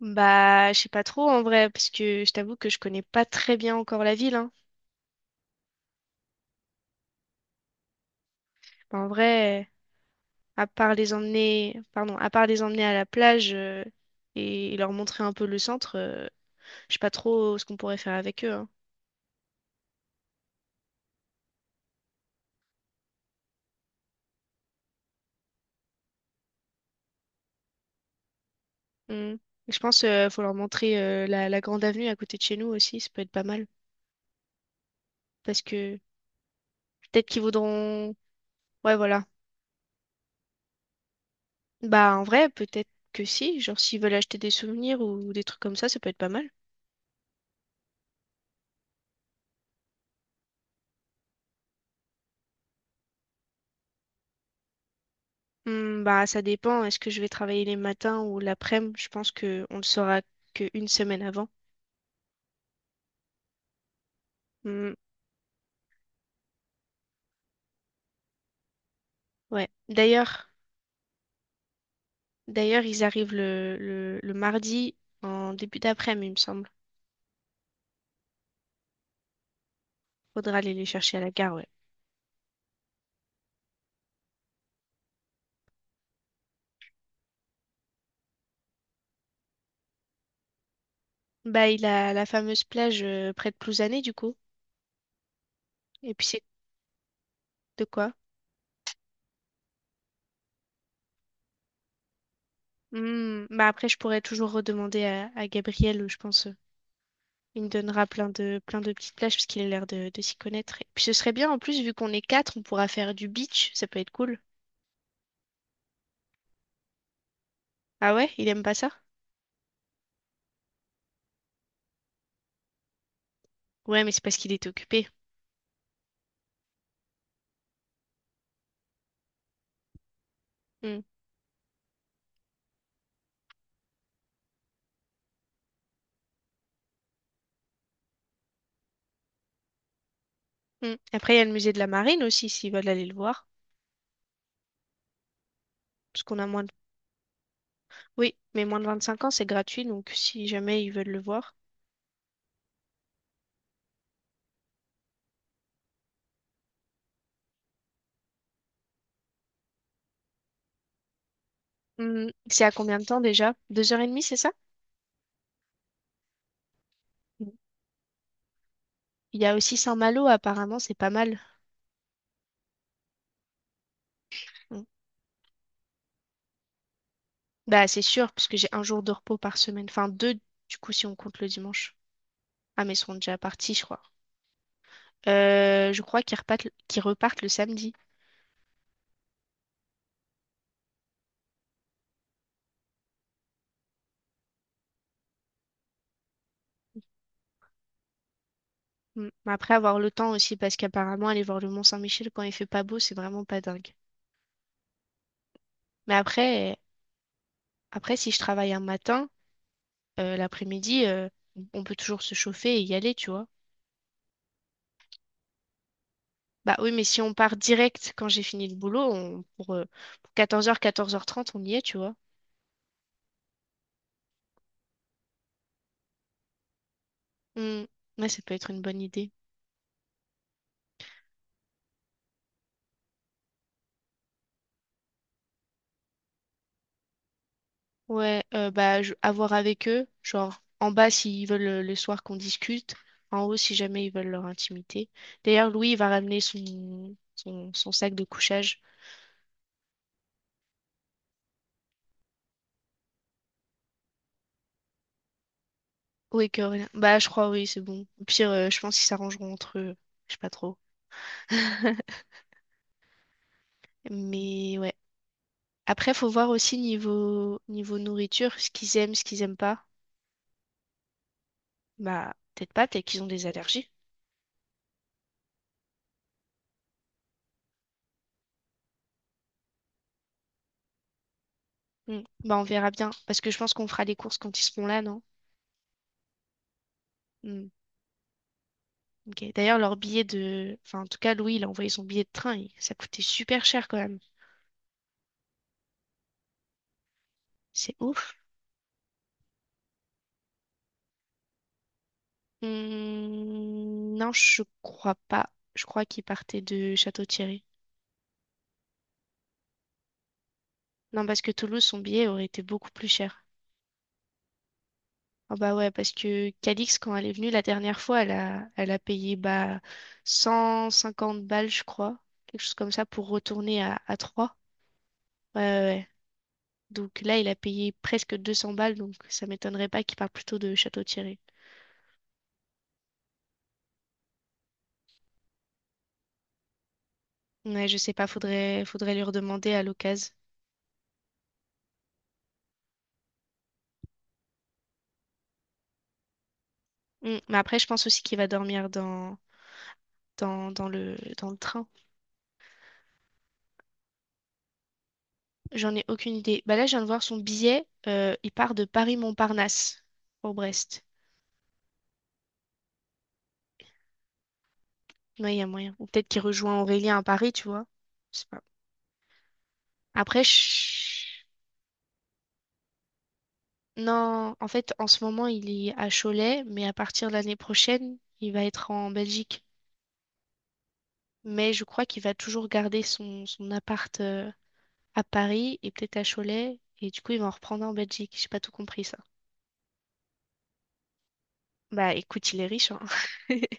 Bah, je sais pas trop en vrai, parce que je t'avoue que je connais pas très bien encore la ville, hein. Bah, en vrai, à part les emmener, pardon, à part les emmener à la plage et leur montrer un peu le centre, je sais pas trop ce qu'on pourrait faire avec eux, hein. Mm. Je pense faut leur montrer la grande avenue à côté de chez nous aussi, ça peut être pas mal, parce que peut-être qu'ils voudront, ouais voilà. Bah en vrai, peut-être que si, genre s'ils veulent acheter des souvenirs ou des trucs comme ça peut être pas mal. Hmm, bah, ça dépend. Est-ce que je vais travailler les matins ou l'après-midi? Je pense que on le saura qu'une semaine avant. Hmm, ouais. D'ailleurs, ils arrivent le mardi en début d'après-midi, il me semble. Faudra aller les chercher à la gare, ouais. Bah, il a la fameuse plage près de Plouzané, du coup. Et puis c'est de quoi? Hmm, bah après, je pourrais toujours redemander à Gabriel, je pense. Il me donnera plein de petites plages parce qu'il a l'air de s'y connaître. Et puis ce serait bien, en plus, vu qu'on est quatre, on pourra faire du beach. Ça peut être cool. Ah ouais, il aime pas ça? Ouais, mais c'est parce qu'il est occupé. Hmm, hmm. Après, il y a le musée de la Marine aussi, s'ils veulent aller le voir. Parce qu'on a moins de... Oui, mais moins de 25 ans, c'est gratuit, donc si jamais ils veulent le voir. Hmm, c'est à combien de temps déjà? Deux heures et demie, c'est ça? Mm. Il y a aussi Saint-Malo, apparemment, c'est pas mal. Mm. Bah, c'est sûr, parce que j'ai un jour de repos par semaine. Enfin, deux, du coup, si on compte le dimanche. Ah, mais ils seront déjà partis, je crois. Je crois qu'ils repartent le samedi. Mm. Mais après avoir le temps aussi, parce qu'apparemment aller voir le Mont-Saint-Michel quand il fait pas beau, c'est vraiment pas dingue. Mais après, après si je travaille un matin, l'après-midi, on peut toujours se chauffer et y aller, tu vois. Bah oui, mais si on part direct quand j'ai fini le boulot, on- pour 14 h, 14 h 30, on y est, tu vois. Mm. Ouais, ça peut être une bonne idée. Ouais, bah je- à voir avec eux, genre en bas s'ils veulent le soir qu'on discute, en haut si jamais ils veulent leur intimité. D'ailleurs, Louis il va ramener son sac de couchage. Oui, Corinne. Bah, je crois, oui, c'est bon. Au pire, je pense qu'ils s'arrangeront entre eux. Je sais pas trop. Mais ouais. Après, faut voir aussi niveau nourriture, ce qu'ils aiment pas. Bah, peut-être pas, peut-être qu'ils ont des allergies. Hmm. Bah, on verra bien. Parce que je pense qu'on fera les courses quand ils seront là, non? Hmm. Ok. D'ailleurs, leur billet de. Enfin, en tout cas, Louis, il a envoyé son billet de train. Il- Ça coûtait super cher quand même. C'est ouf. Hmm, non, je crois pas. Je crois qu'il partait de Château-Thierry. Non, parce que Toulouse, son billet aurait été beaucoup plus cher. Ah bah ouais, parce que Calix, quand elle est venue la dernière fois, elle a payé bah, 150 balles, je crois, quelque chose comme ça, pour retourner à Troyes. Ouais, ouais, ouais. Donc là, il a payé presque 200 balles, donc ça m'étonnerait pas qu'il parle plutôt de Château-Thierry. Ouais, je sais pas, faudrait lui redemander à l'occasion. Hmm, mais après, je pense aussi qu'il va dormir dans le train. J'en ai aucune idée. Bah là, je viens de voir son billet, il part de Paris-Montparnasse pour Brest. Ouais, il y a moyen. Ou peut-être qu'il rejoint Aurélien à Paris, tu vois. Je sais pas. Après, je- non, en fait, en ce moment, il est à Cholet, mais à partir de l'année prochaine, il va être en Belgique. Mais je crois qu'il va toujours garder son appart à Paris et peut-être à Cholet. Et du coup, il va en reprendre en Belgique. J'ai pas tout compris ça. Bah écoute, il est riche, hein.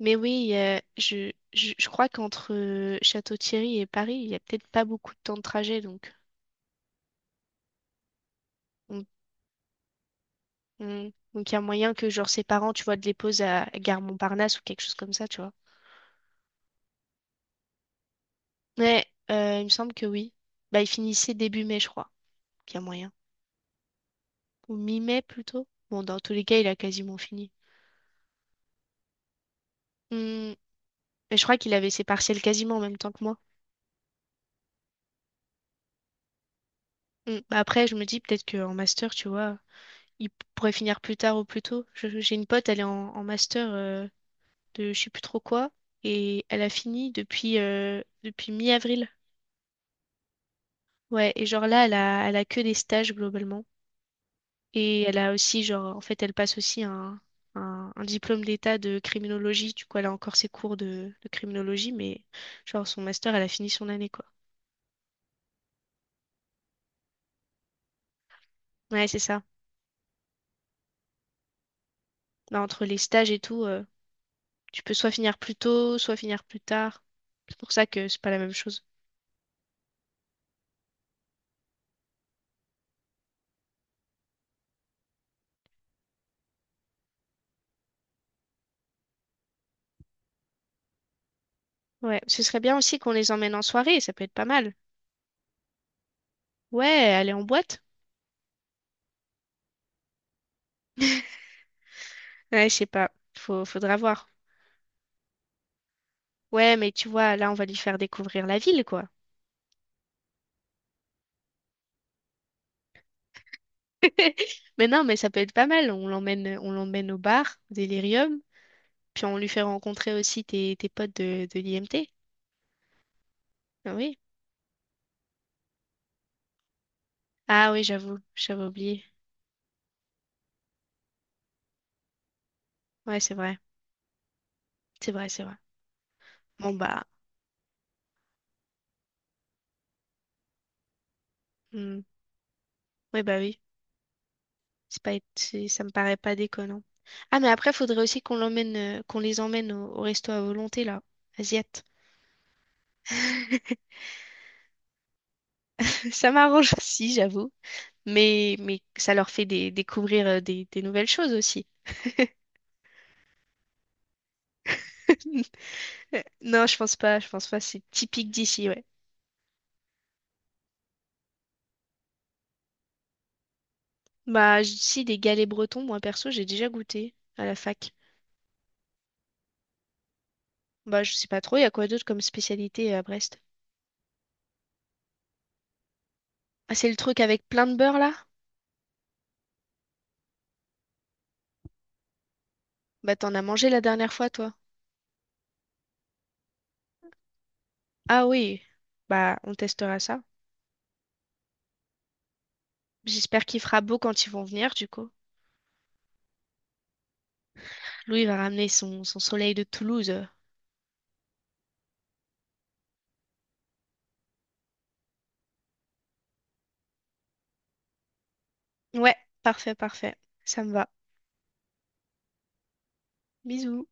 Mais oui, je crois qu'entre Château-Thierry et Paris, il y a peut-être pas beaucoup de temps de trajet, donc on Mm. Donc, il y a moyen que, genre, ses parents, tu vois, de les pose à Gare Montparnasse ou quelque chose comme ça, tu vois. Mais il me semble que oui. Bah, il finissait début mai, je crois, qu'il y a moyen. Ou mi-mai, plutôt. Bon, dans tous les cas, il a quasiment fini. Mm. Mais je crois qu'il avait ses partiels quasiment en même temps que moi. Mm. Bah, après, je me dis peut-être qu'en master, tu vois, il p- pourrait finir plus tard ou plus tôt. Je- J'ai une pote, elle est en, en master de je sais plus trop quoi. Et elle a fini depuis, depuis mi-avril. Ouais, et genre là, elle a que des stages globalement. Et elle a aussi, genre, en fait, elle passe aussi un diplôme d'état de criminologie. Du coup, elle a encore ses cours de criminologie, mais genre, son master, elle a fini son année, quoi. Ouais, c'est ça. Bah, entre les stages et tout, tu peux soit finir plus tôt, soit finir plus tard. C'est pour ça que c'est pas la même chose. Ouais, ce serait bien aussi qu'on les emmène en soirée, ça peut être pas mal. Ouais, aller en boîte. Ouais, je sais pas, faudra voir. Ouais, mais tu vois, là, on va lui faire découvrir la ville, quoi. Mais non, mais ça peut être pas mal. On l'emmène au bar, au Délirium. Puis on lui fait rencontrer aussi tes potes de l'IMT. Ah oui. Ah oui, j'avoue, j'avais oublié. Ouais, c'est vrai. C'est vrai, c'est vrai. Bon bah. Hmm. Ouais, bah oui. C'est pas, c'est- ça me paraît pas déconnant. Ah mais après, faudrait aussi qu'on l'emmène, qu'on les emmène au resto à volonté, là. Asiate. Ça m'arrange aussi, j'avoue. Mais ça leur fait des- découvrir des nouvelles choses aussi. Non, je pense pas, c'est typique d'ici, ouais. Bah, j- si, des galets bretons, moi perso, j'ai déjà goûté à la fac. Bah, je sais pas trop, il y a quoi d'autre comme spécialité à Brest? Ah, c'est le truc avec plein de beurre là? Bah, t'en as mangé la dernière fois, toi. Ah oui, bah, on testera ça. J'espère qu'il fera beau quand ils vont venir, du coup. Louis va ramener son soleil de Toulouse. Ouais, parfait, parfait. Ça me va. Bisous.